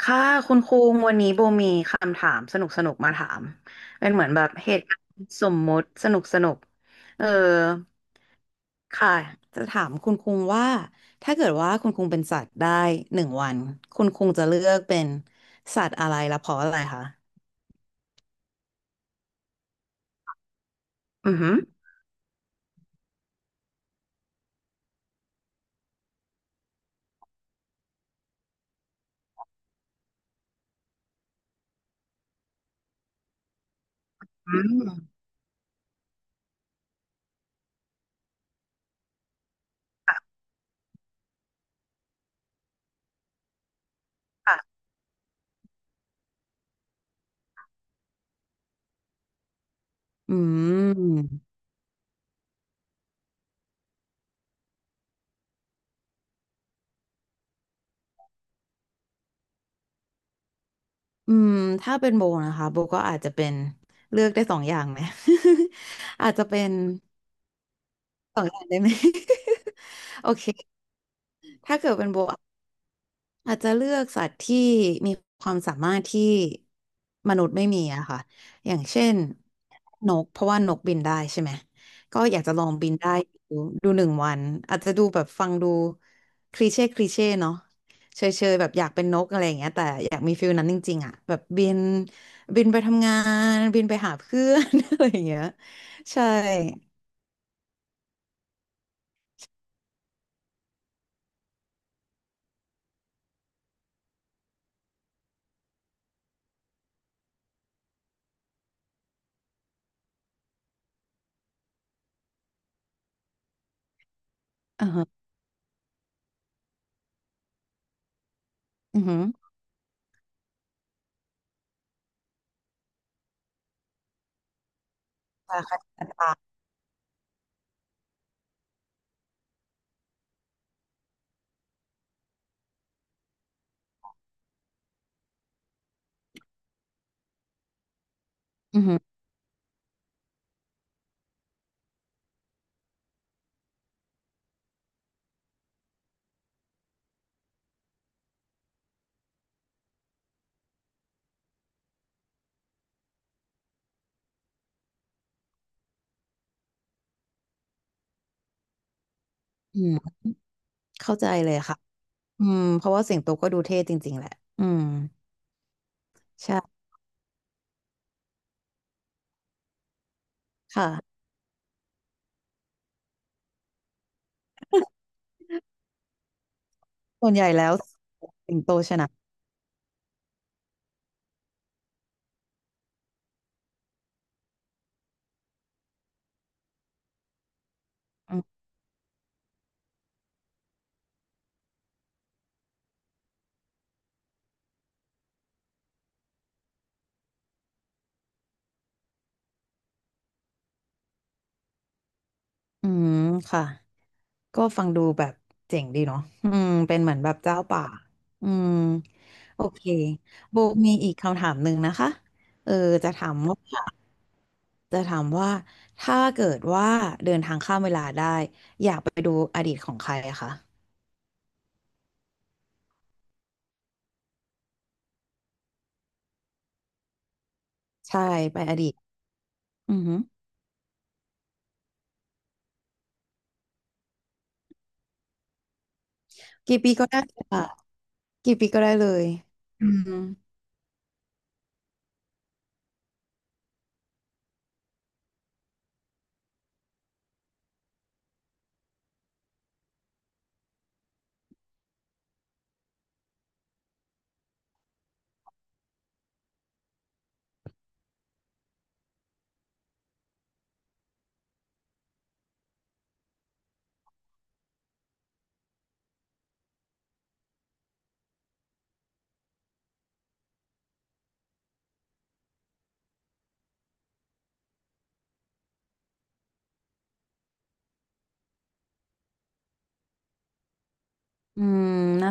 ค่ะคุณคุงวันนี้โบมีคำถามสนุกสนุกมาถามเป็นเหมือนแบบเหตุการณ์สมมุติสนุกสนุกเออค่ะจะถามคุณคุงว่าถ้าเกิดว่าคุณคุงเป็นสัตว์ได้หนึ่งวันคุณคุงจะเลือกเป็นสัตว์อะไรและเพราะอะไรคะอือหืออืมค่ะอืมอืมถ้าเป็นโบนะคะโบก็อาจจะเป็นเลือกได้สองอย่างไหม อาจจะเป็น2 อย่างได้ไหม โอเคถ้าเกิดเป็นโบ อาจจะเลือกสัตว์ที่มีความสามารถที่มนุษย์ไม่มีอะค่ะ อย่างเช่นนกเพราะว่านกบินได้ใช่ไหม ก็อยากจะลองบินได้ดูดูหนึ่งวันอาจจะดูแบบฟังดูคลีเช่คลีเช่เนาะเชยเชยแบบอยากเป็นนกอะไรอย่างเงี้ยแต่อยากมีฟิลนั้นจริงๆอะแบบบินไปทำงานบินไปหาเพื่อน อะไรอย่างเงี้ยใช่อือฮึอือฮึคาคาตาอือฮึอืมเข้าใจเลยค่ะ อืมเพราะว่าสิงโตก็ดูเท่จริงๆแหละอืมใช่ค่ะส่วนใหญ่แล้วสิงโตชนะอืมอืมค่ะก็ฟังดูแบบเจ๋งดีเนาะอืมเป็นเหมือนแบบเจ้าป่าอืมโอเคโบมีอีกคำถามหนึ่งนะคะเออจะถามว่าจะถามว่าถ้าเกิดว่าเดินทางข้ามเวลาได้อยากไปดูอดีตของใครอะคะใช่ไปอดีตอือหือกี่ปีก็ได้ค่ะกี่ปีก็ได้เลยอืม อืมนะ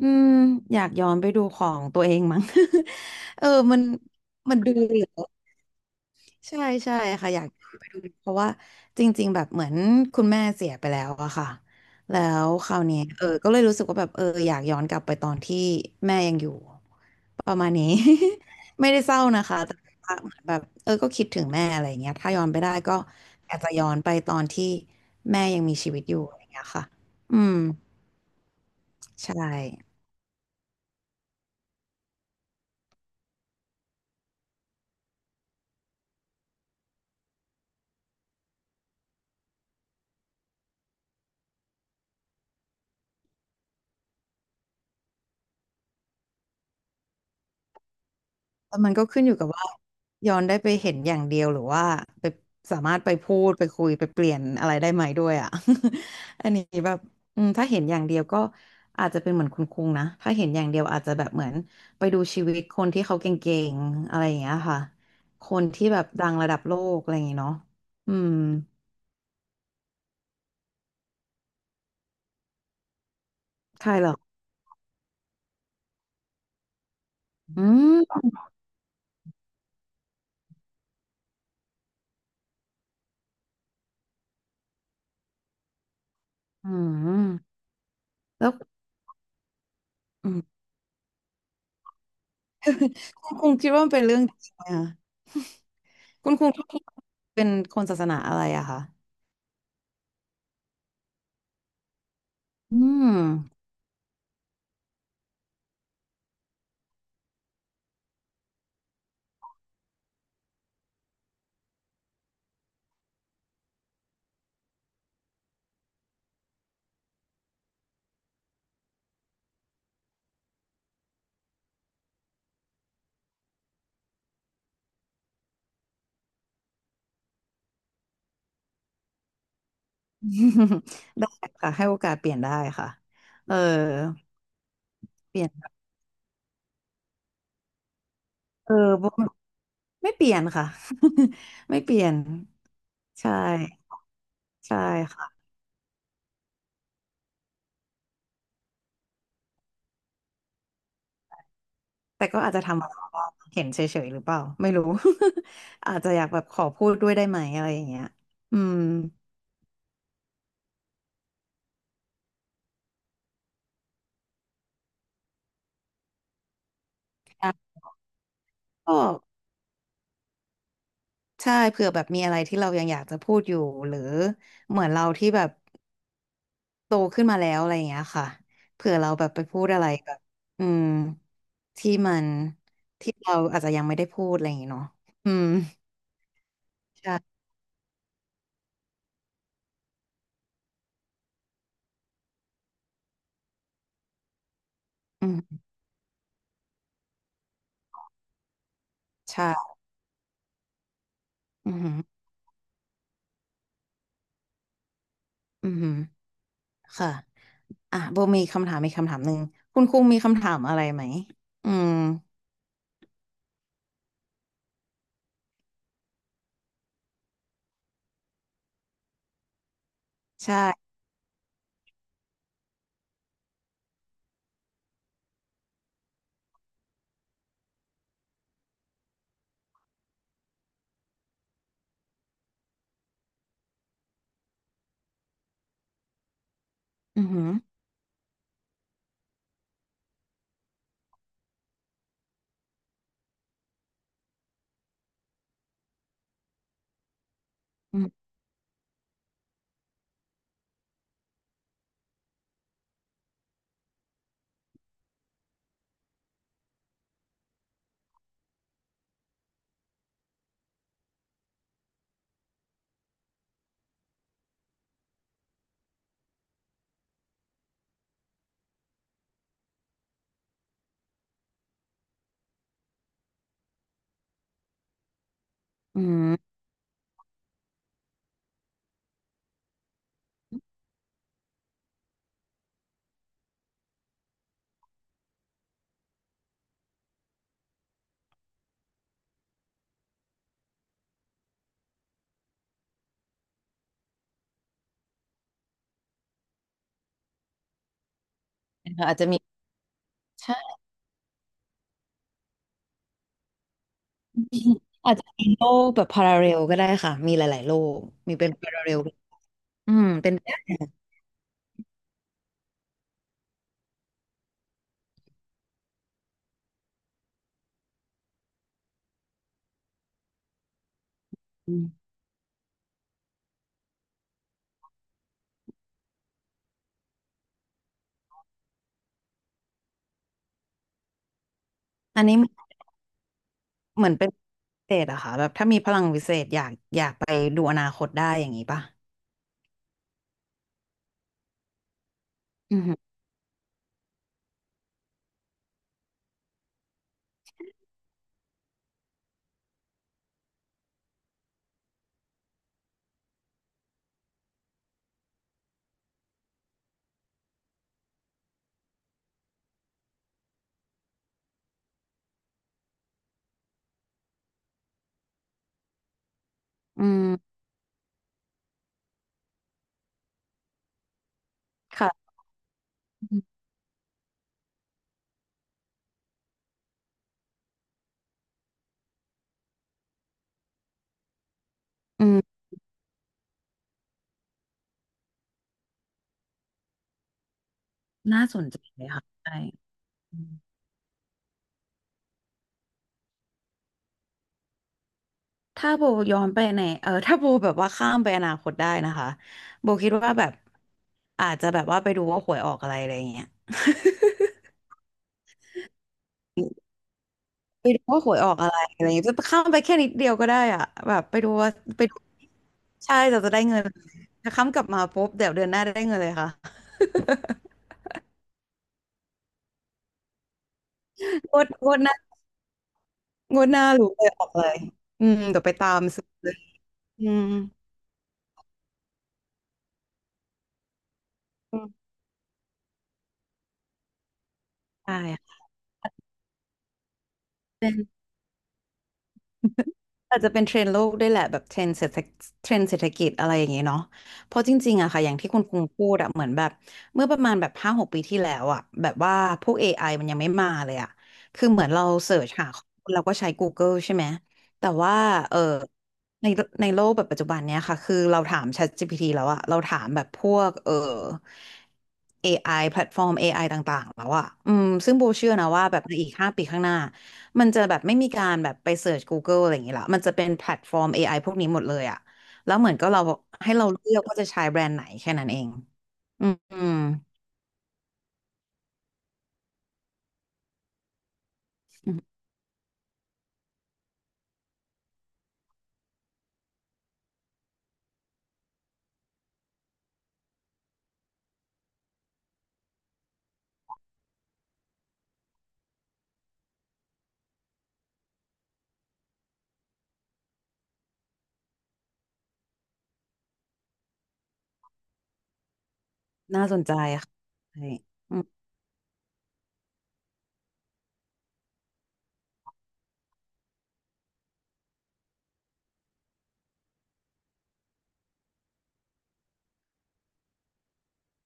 อืมอยากย้อนไปดูของตัวเองมั้ง เออมันมันดูเหรอใช่ใช่ค่ะอยากไปดูเพราะว่าจริงๆแบบเหมือนคุณแม่เสียไปแล้วอะค่ะแล้วคราวนี้ก็เลยรู้สึกว่าแบบอยากย้อนกลับไปตอนที่แม่ยังอยู่ประมาณนี้ ไม่ได้เศร้านะคะแต่ว่าเหมือนแบบก็คิดถึงแม่อะไรอย่างเงี้ยถ้าย้อนไปได้ก็อยากจะย้อนไปตอนที่แม่ยังมีชีวิตอยู่อะไรอย่างเงี้ยค่ะอืมใช่ แล้วมันก็ขึ้นอยู่กับว่าย้อนได้ไปเห็นอย่างเดียวหรือว่าไปสามารถไปพูดไปคุยไปเปลี่ยนอะไรได้ไหมด้วยอ่ะ อันนี้แบบอืมถ้าเห็นอย่างเดียวก็อาจจะเป็นเหมือนคุณคุงนะถ้าเห็นอย่างเดียวอาจจะแบบเหมือนไปดูชีวิตคนที่เขาเก่งๆอะไรอย่างเงี้ยค่ะคนที่แบบดังระดับโลกอะไรอย่างเงี้ยเนาะอืมใช่หรอกอืมอืมแล้วอืม คุณคุงคิดว่ามันเป็นเรื่องจริงไหมคะคุณคุงเป็นคนศาสนาอะไรอะคะอืม ได้ค่ะให้โอกาสเปลี่ยนได้ค่ะเออเปลี่ยนเออบ่ไม่เปลี่ยนค่ะ ไม่เปลี่ยนใช่ใช่ค่ะแต่ก็อาจจะทำอะไรบ้างเห็นเฉยๆหรือเปล่าไม่รู้ อาจจะอยากแบบขอพูดด้วยได้ไหมอะไรอย่างเงี้ยอืมอ่ะก็ใช่เผื่อแบบมีอะไรที่เรายังอยากจะพูดอยู่หรือเหมือนเราที่แบบ โตขึ้นมาแล้วอะไรอย่างเงี้ยค่ะเผื่อเราแบบไปพูดอะไรแบบอืมที่มันที่เราอาจจะยังไม่ได้พูดอะไรอย่างเงี้ยเนาะอืมใช่อืมใช่อืมอืมค่ะอ่ะโบมีคำถามมีกคำถามหนึ่งคุณคุงมีคำถามอะไรไหมอืมใช่อืมออืมอืมอาจจะมีใช่ อาจจะมีโลกแบบพาราเรลก็ได้ค่ะมีหลายๆโลกมีเป็นพาราเรลอืมเป็นอมอันนี้ เหมือนเป็นพิเศษอะค่ะแบบถ้ามีพลังวิเศษอยากอยากไปดูอนาคตได้อย่างนี้ป่ะอืมอืมค่ะอืมน่าสนใจเลยค่ะใช่อืมถ้าโบย้อนไปในเออถ้าโบแบบว่าข้ามไปอนาคตได้นะคะโบคิดว่าแบบอาจจะแบบว่าไปดูว่าหวยออกอะไรอะไรอย่างเงี้ย ไปดูว่าหวยออกอะไรอะไรอย่างเงี้ยจะข้ามไปแค่นิดเดียวก็ได้อะแบบไปดูใช่เราจะได้เงินถ้าข้ามกลับมาปุ๊บเดี๋ยวเดือนหน้าได้เงินเลยค่ะงวดงวดหน้า งวดหน้ารู้เลยออกเลยอืมเดี๋ยวไปตามซื้อเลยอืมอืมได้ อาจจะเป็นเทรนด์โลกด้วยแหละแบบเทรนด์เศรษฐเทรนด์เศรษฐกิจอะไรอย่างเงี้ยเนาะเพราะจริงๆอะค่ะอย่างที่คุณกรุงพูดอะเหมือนแบบเมื่อประมาณแบบ5-6 ปีที่แล้วอะแบบว่าพวก AI มันยังไม่มาเลยอะคือเหมือนเราเสิร์ชหาข้อมูลเราก็ใช้ Google ใช่ไหมแต่ว่าเออในในโลกแบบปัจจุบันเนี้ยค่ะคือเราถาม ChatGPT แล้วอะเราถามแบบพวกเออ AI แพลตฟอร์ม AI ต่างๆแล้วอะอืมซึ่งโบเชื่อนะว่าแบบในอีก5 ปีข้างหน้า มันจะแบบไม่มีการแบบไปเสิร์ช Google อะไรอย่างงี้ละ มันจะเป็นแพลตฟอร์ม AI พวกนี้หมดเลยอะแล้วเหมือนก็เราให้เราเลือกว่าจะใช้แบรนด์ไหนแค่นั้นเอง อืมอืมอืมน่าสนใจค่ะใช่อืม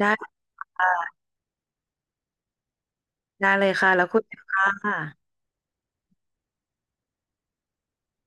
ได้ได้เลยค่ะ แล้วคุยกันค่ะ